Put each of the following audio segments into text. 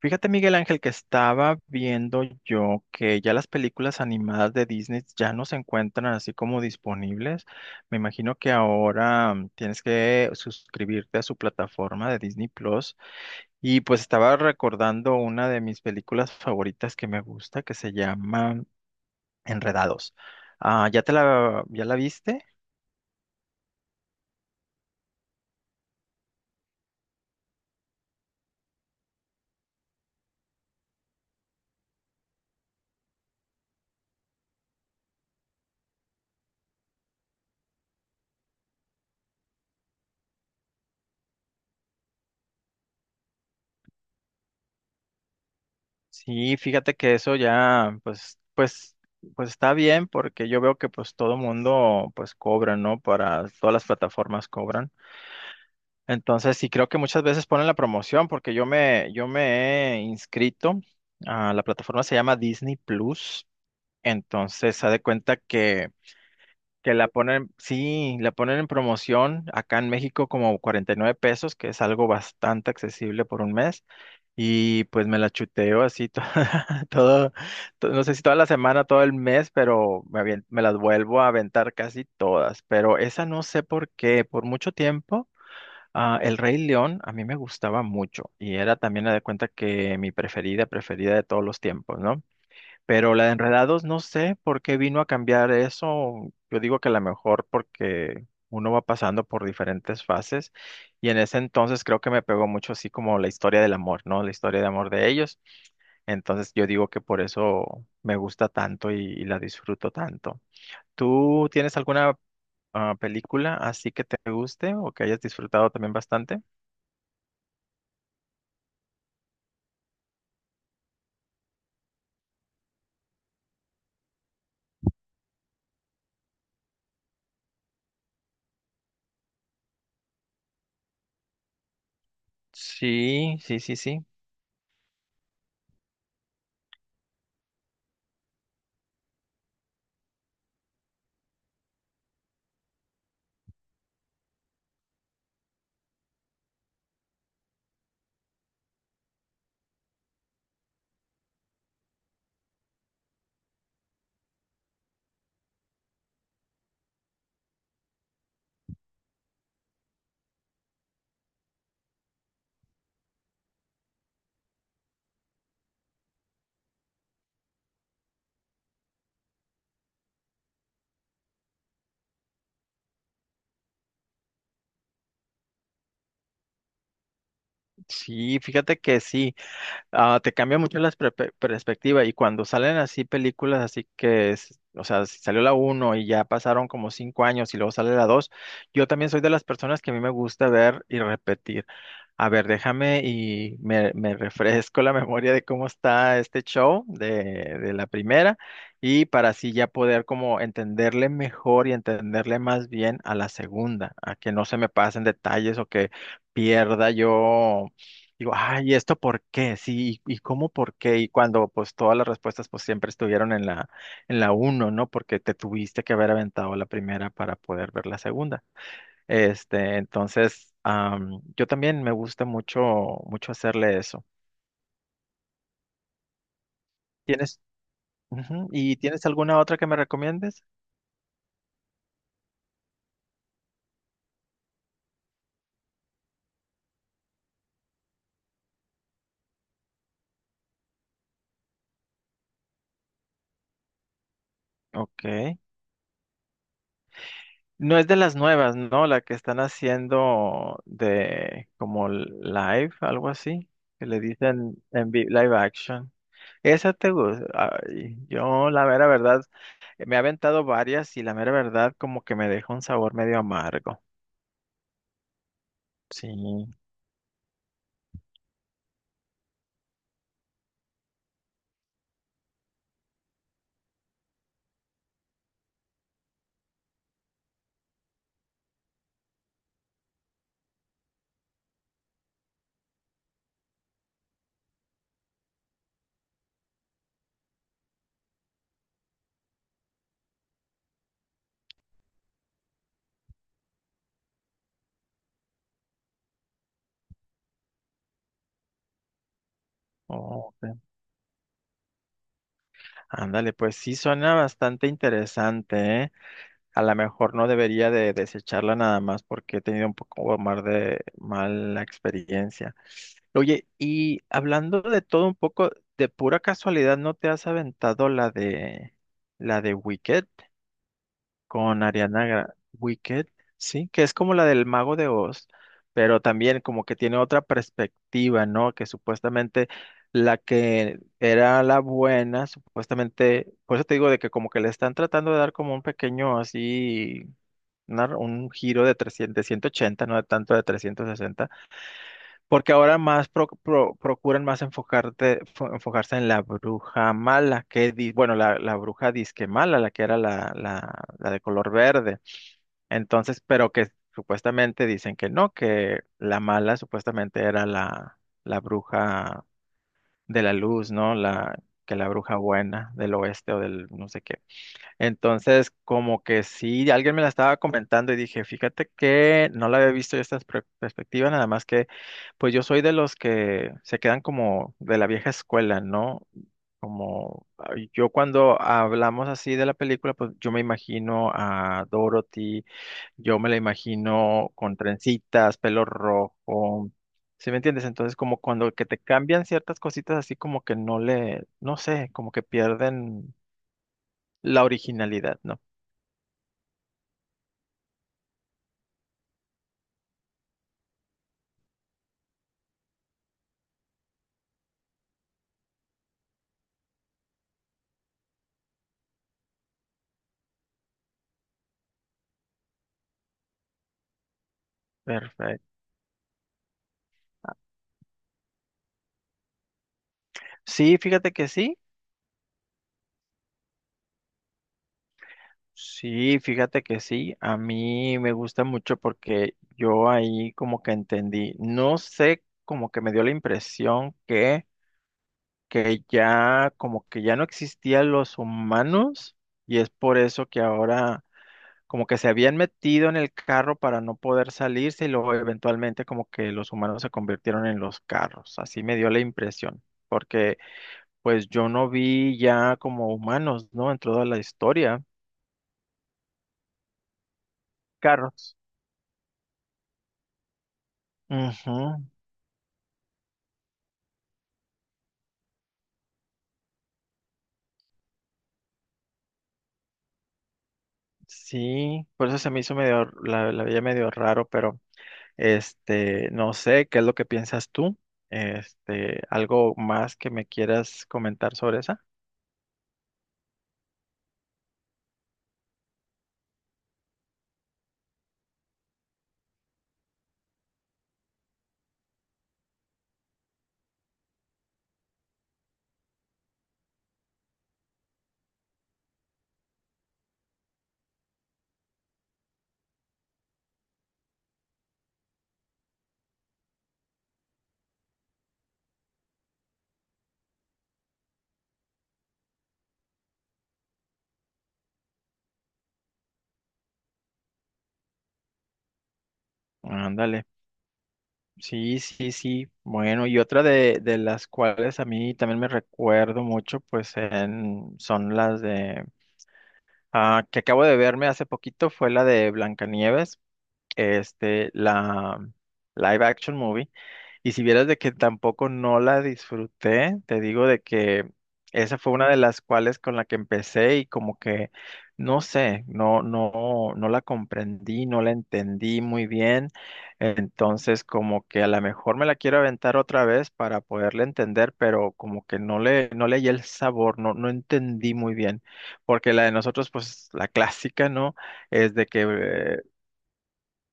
Fíjate, Miguel Ángel, que estaba viendo yo que ya las películas animadas de Disney ya no se encuentran así como disponibles. Me imagino que ahora tienes que suscribirte a su plataforma de Disney Plus. Y pues estaba recordando una de mis películas favoritas que me gusta, que se llama Enredados. Ah, ya la viste? Sí, fíjate que eso ya, pues está bien porque yo veo que pues todo mundo pues cobra, ¿no? Para todas las plataformas cobran. Entonces, sí creo que muchas veces ponen la promoción porque yo me he inscrito a la plataforma se llama Disney Plus. Entonces, se da cuenta que la ponen, sí, la ponen en promoción acá en México como 49 pesos, que es algo bastante accesible por un mes. Y pues me la chuteo así todo, no sé si toda la semana, todo el mes, pero me las vuelvo a aventar casi todas. Pero esa no sé por qué, por mucho tiempo, El Rey León a mí me gustaba mucho y era también me de cuenta que mi preferida, preferida de todos los tiempos, ¿no? Pero la de Enredados, no sé por qué vino a cambiar eso. Yo digo que a lo mejor porque uno va pasando por diferentes fases y en ese entonces creo que me pegó mucho así como la historia del amor, ¿no? La historia de amor de ellos. Entonces yo digo que por eso me gusta tanto y la disfruto tanto. ¿Tú tienes alguna película así que te guste o que hayas disfrutado también bastante? Sí, sí, sí, sí. Sí, fíjate que sí. Te cambia mucho la perspectiva y cuando salen así películas, así que, o sea, si salió la uno y ya pasaron como 5 años y luego sale la dos. Yo también soy de las personas que a mí me gusta ver y repetir. A ver, déjame y me refresco la memoria de cómo está este show de la primera y para así ya poder como entenderle mejor y entenderle más bien a la segunda, a que no se me pasen detalles o que pierda yo. Digo, ay, ¿y esto por qué? Sí, ¿y cómo por qué? Y cuando pues todas las respuestas pues siempre estuvieron en la, uno, ¿no? Porque te tuviste que haber aventado la primera para poder ver la segunda. Este, entonces, yo también me gusta mucho, mucho hacerle eso. ¿Tienes, Ujú, ¿y tienes alguna otra que me recomiendes? Ok. No es de las nuevas, ¿no? La que están haciendo de como live, algo así, que le dicen en live action. Esa te gusta. Ay, yo la mera verdad, me he aventado varias y la mera verdad como que me deja un sabor medio amargo. Sí. Oh, ok. Ándale, pues sí suena bastante interesante, ¿eh? A lo mejor no debería de desecharla nada más porque he tenido un poco más de mala experiencia. Oye, y hablando de todo un poco, de pura casualidad, ¿no te has aventado la de Wicked? Wicked, sí, que es como la del Mago de Oz, pero también como que tiene otra perspectiva, ¿no? Que supuestamente la que era la buena, supuestamente, por eso te digo de que como que le están tratando de dar como un pequeño así, un giro de 300, de 180, no de tanto de 360. Porque ahora más procuran más enfocarse en la bruja mala, bueno, la bruja disque mala, la que era la de color verde. Entonces, pero que supuestamente dicen que no, que la mala supuestamente era la bruja de la luz, ¿no? Que la bruja buena del oeste o del no sé qué. Entonces, como que sí, alguien me la estaba comentando y dije, fíjate que no la había visto yo esta perspectiva, nada más que, pues yo soy de los que se quedan como de la vieja escuela, ¿no? Como yo cuando hablamos así de la película, pues yo me imagino a Dorothy, yo me la imagino con trencitas, pelo rojo, ¿sí me entiendes? Entonces, como cuando que te cambian ciertas cositas así como que no le, no sé, como que pierden la originalidad, ¿no? Perfecto. Sí, fíjate que sí, sí, fíjate que sí, a mí me gusta mucho porque yo ahí como que entendí, no sé, como que me dio la impresión que ya, como que ya no existían los humanos y es por eso que ahora como que se habían metido en el carro para no poder salirse y luego eventualmente como que los humanos se convirtieron en los carros, así me dio la impresión, porque... Pues yo no vi ya como humanos, ¿no? En toda la historia. Carros. Ujú. Sí, por eso se me hizo medio, la veía medio raro, pero este, no sé, ¿qué es lo que piensas tú? Este, algo más que me quieras comentar sobre esa. Ándale. Sí, sí, sí. Bueno, y otra de las cuales a mí también me recuerdo mucho, pues son las de, que acabo de verme hace poquito, fue la de Blancanieves. Este, la live action movie. Y si vieras de que tampoco no la disfruté, te digo de que esa fue una de las cuales con la que empecé y como que, no sé, no la comprendí, no la entendí muy bien. Entonces, como que a lo mejor me la quiero aventar otra vez para poderla entender, pero como que no le hallé el sabor, no entendí muy bien. Porque la de nosotros, pues, la clásica, ¿no? Es de que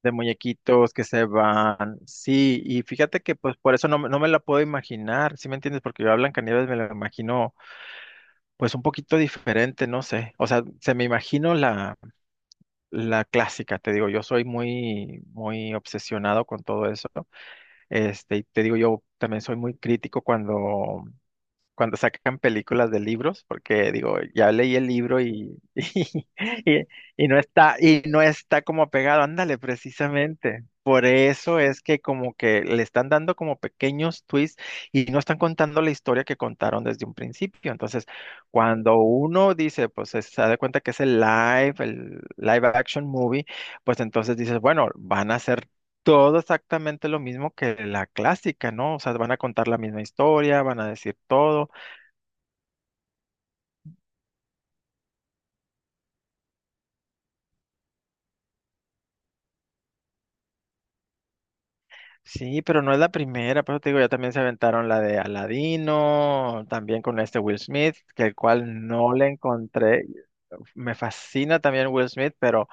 de muñequitos que se van. Sí, y fíjate que pues por eso no, no me la puedo imaginar, ¿sí me entiendes? Porque yo a Blancanieves me la imagino pues un poquito diferente, no sé. O sea, se me imagino la clásica, te digo, yo soy muy, muy obsesionado con todo eso. Este, y te digo, yo también soy muy crítico cuando sacan películas de libros, porque digo, ya leí el libro y- y no está como pegado, ándale, precisamente. Por eso es que como que le están dando como pequeños twists y no están contando la historia que contaron desde un principio. Entonces, cuando uno dice, pues se da cuenta que es el live action movie, pues entonces dices, bueno, van a hacer todo exactamente lo mismo que la clásica, ¿no? O sea, van a contar la misma historia, van a decir todo. Sí, pero no es la primera, por eso te digo, ya también se aventaron la de Aladino, también con este Will Smith, que el cual no le encontré. Me fascina también Will Smith, pero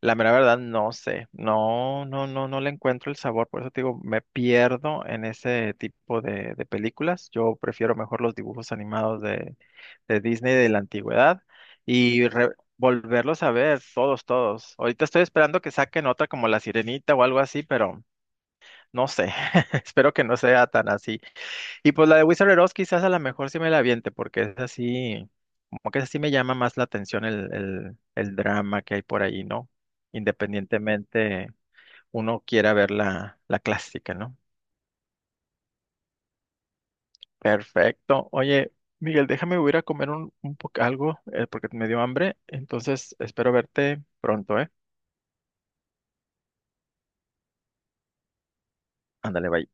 la mera verdad no sé. No, no, no, no le encuentro el sabor, por eso te digo, me pierdo en ese tipo de películas. Yo prefiero mejor los dibujos animados de Disney de la antigüedad y volverlos a ver todos, todos. Ahorita estoy esperando que saquen otra como La Sirenita o algo así, pero. No sé, espero que no sea tan así. Y pues la de Wizard of Oz quizás a lo mejor sí me la aviente, porque es así, como que así me llama más la atención el drama que hay por ahí, ¿no? Independientemente uno quiera ver la clásica, ¿no? Perfecto. Oye, Miguel, déjame voy a ir a comer un poco algo, porque me dio hambre, entonces espero verte pronto, ¿eh? Ándale, bye.